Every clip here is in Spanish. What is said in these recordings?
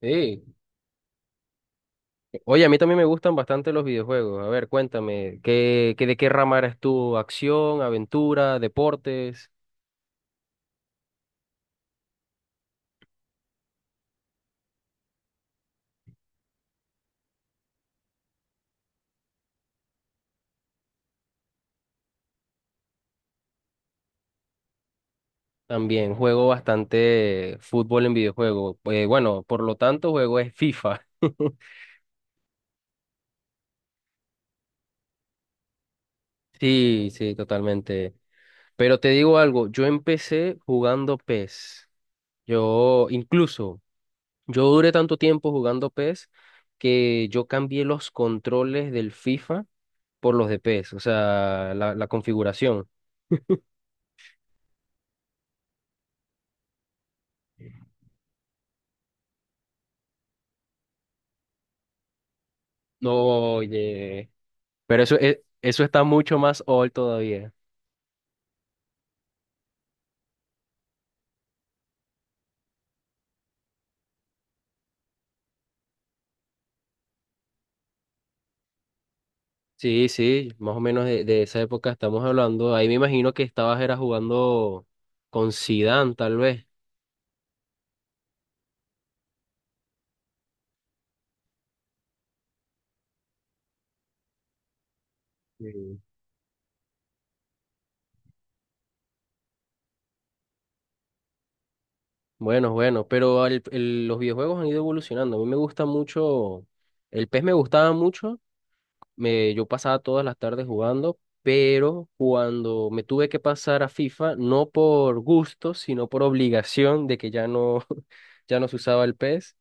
Sí. Oye, a mí también me gustan bastante los videojuegos. A ver, cuéntame, de qué rama eres tú? ¿Acción, aventura, deportes? También juego bastante fútbol en videojuego. Bueno, por lo tanto, juego es FIFA. Sí, sí, totalmente. Pero te digo algo, yo empecé jugando PES. Yo incluso, yo duré tanto tiempo jugando PES que yo cambié los controles del FIFA por los de PES, o sea, la configuración. No, oye, pero eso, eso está mucho más old todavía. Sí, sí, más o menos de esa época estamos hablando. Ahí me imagino que estabas era jugando con Zidane, tal vez. Sí. Bueno, pero los videojuegos han ido evolucionando. A mí me gusta mucho, el PES me gustaba mucho, yo pasaba todas las tardes jugando, pero cuando me tuve que pasar a FIFA, no por gusto, sino por obligación de que ya no, ya no se usaba el PES,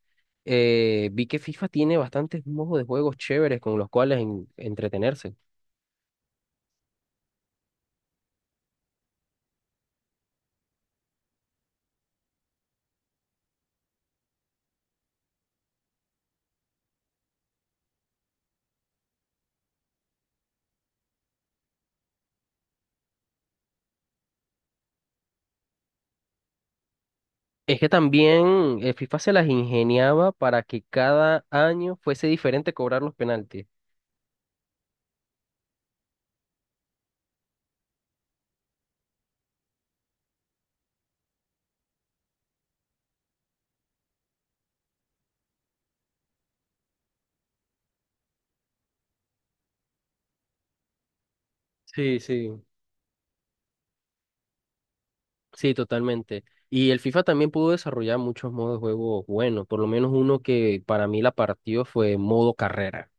vi que FIFA tiene bastantes modos de juegos chéveres con los cuales entretenerse. Es que también FIFA se las ingeniaba para que cada año fuese diferente cobrar los penaltis. Sí, sí. Sí, totalmente. Y el FIFA también pudo desarrollar muchos modos de juego buenos, por lo menos uno que para mí la partió fue modo carrera.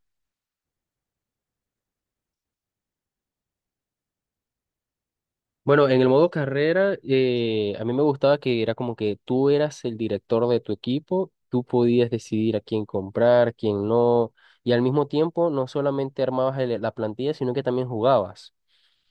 Bueno, en el modo carrera, a mí me gustaba que era como que tú eras el director de tu equipo, tú podías decidir a quién comprar, quién no, y al mismo tiempo no solamente armabas la plantilla, sino que también jugabas.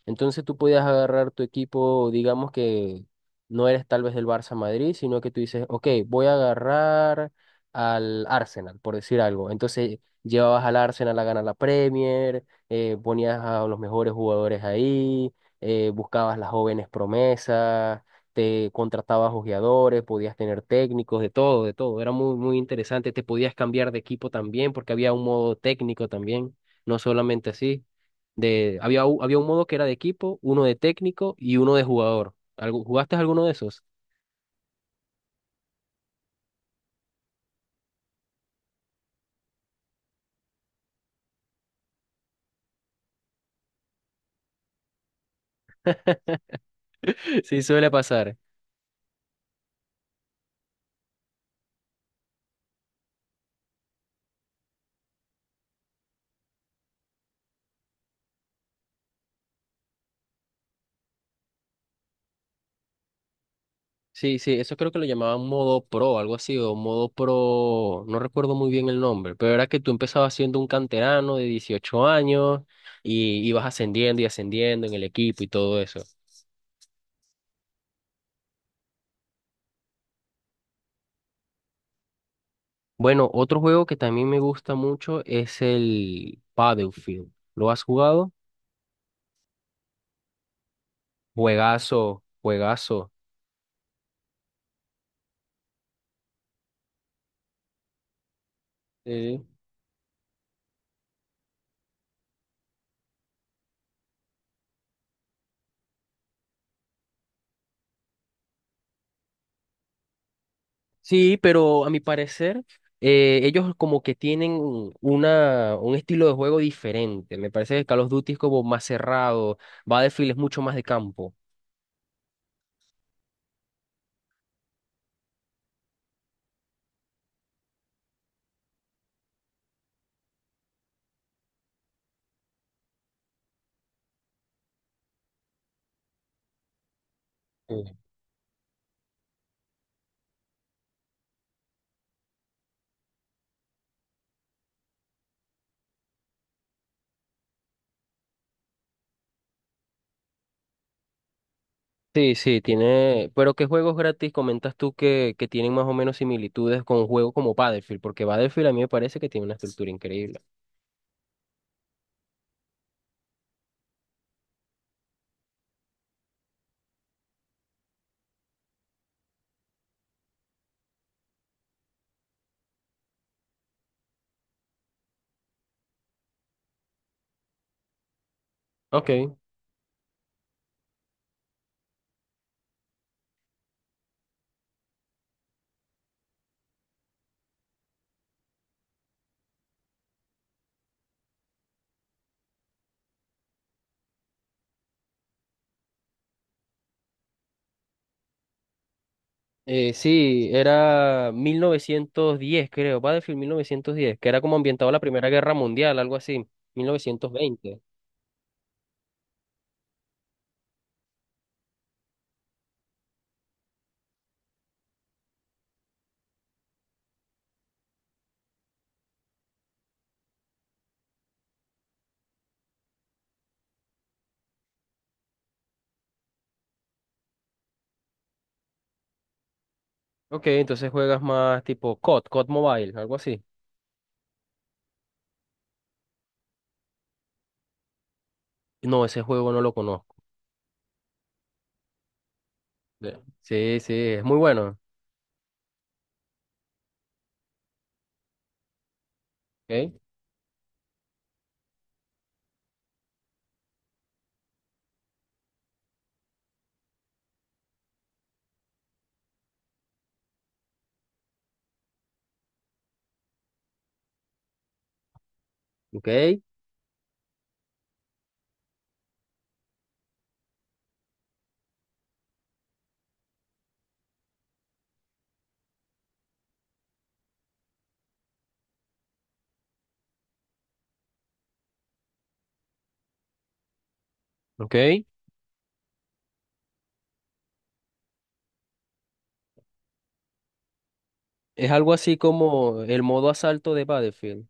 Entonces tú podías agarrar tu equipo, digamos que no eres tal vez del Barça Madrid, sino que tú dices, ok, voy a agarrar al Arsenal, por decir algo. Entonces llevabas al Arsenal a ganar la Premier, ponías a los mejores jugadores ahí, buscabas las jóvenes promesas, te contratabas ojeadores, podías tener técnicos, de todo, de todo. Era muy, muy interesante. Te podías cambiar de equipo también, porque había un modo técnico también, no solamente así. Había, había un modo que era de equipo, uno de técnico y uno de jugador. ¿Jugaste alguno de esos? Sí, suele pasar. Sí, sí, eso creo que lo llamaban modo pro, algo así, o modo pro, no recuerdo muy bien el nombre, pero era que tú empezabas siendo un canterano de 18 años y ibas ascendiendo y ascendiendo en el equipo y todo eso. Bueno, otro juego que también me gusta mucho es el Battlefield. ¿Lo has jugado? Juegazo, juegazo. Sí, pero a mi parecer, ellos como que tienen un estilo de juego diferente. Me parece que Call of Duty es como más cerrado, Battlefield es mucho más de campo. Sí. Sí, sí, tiene. Pero ¿qué juegos gratis comentas tú que tienen más o menos similitudes con juegos como Battlefield? Porque Battlefield a mí me parece que tiene una estructura increíble. Ok. Sí, era 1910 creo. Battlefield 1910, que era como ambientado a la Primera Guerra Mundial, algo así. 1920. Ok, entonces juegas más tipo COD, COD Mobile, algo así. No, ese juego no lo conozco. De- sí, sí, es muy bueno. Ok, ok, ok. Es algo así como el modo asalto de Battlefield.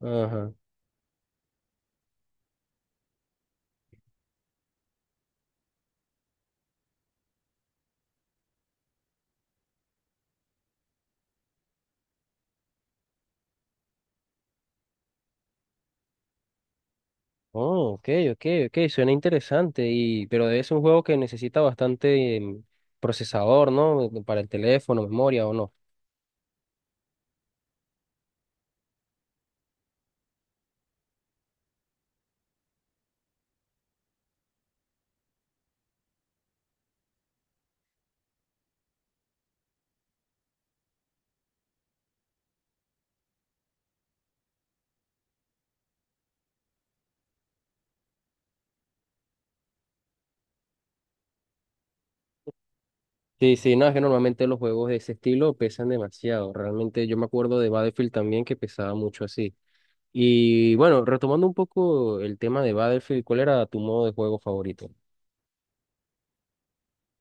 Ajá. Oh, ok, ok, ok, suena interesante. Y, pero es un juego que necesita bastante procesador, ¿no? Para el teléfono, memoria o no. Sí, sí, no, es que normalmente los juegos de ese estilo pesan demasiado. Realmente yo me acuerdo de Battlefield también que pesaba mucho así. Y bueno, retomando un poco el tema de Battlefield, ¿cuál era tu modo de juego favorito?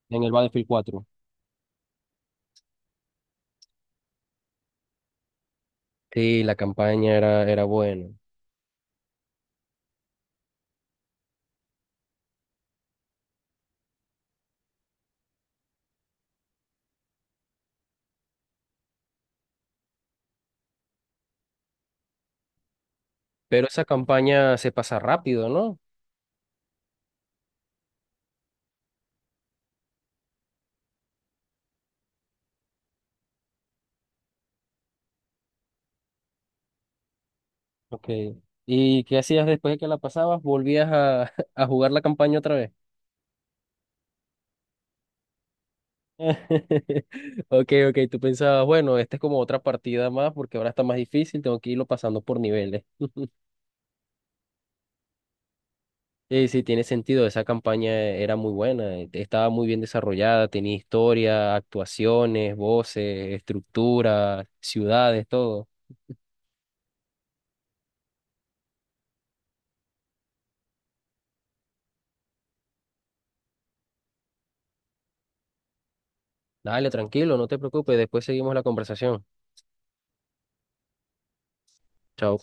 En el Battlefield 4. Sí, la campaña era, era buena, pero esa campaña se pasa rápido, ¿no? Ok. ¿Y qué hacías después de que la pasabas? ¿Volvías a, a jugar la campaña otra vez? Ok, ok, tú pensabas, bueno, esta es como otra partida más porque ahora está más difícil, tengo que irlo pasando por niveles. Sí, sí, tiene sentido. Esa campaña era muy buena, estaba muy bien desarrollada, tenía historia, actuaciones, voces, estructura, ciudades, todo. Dale, tranquilo, no te preocupes, después seguimos la conversación. Chao.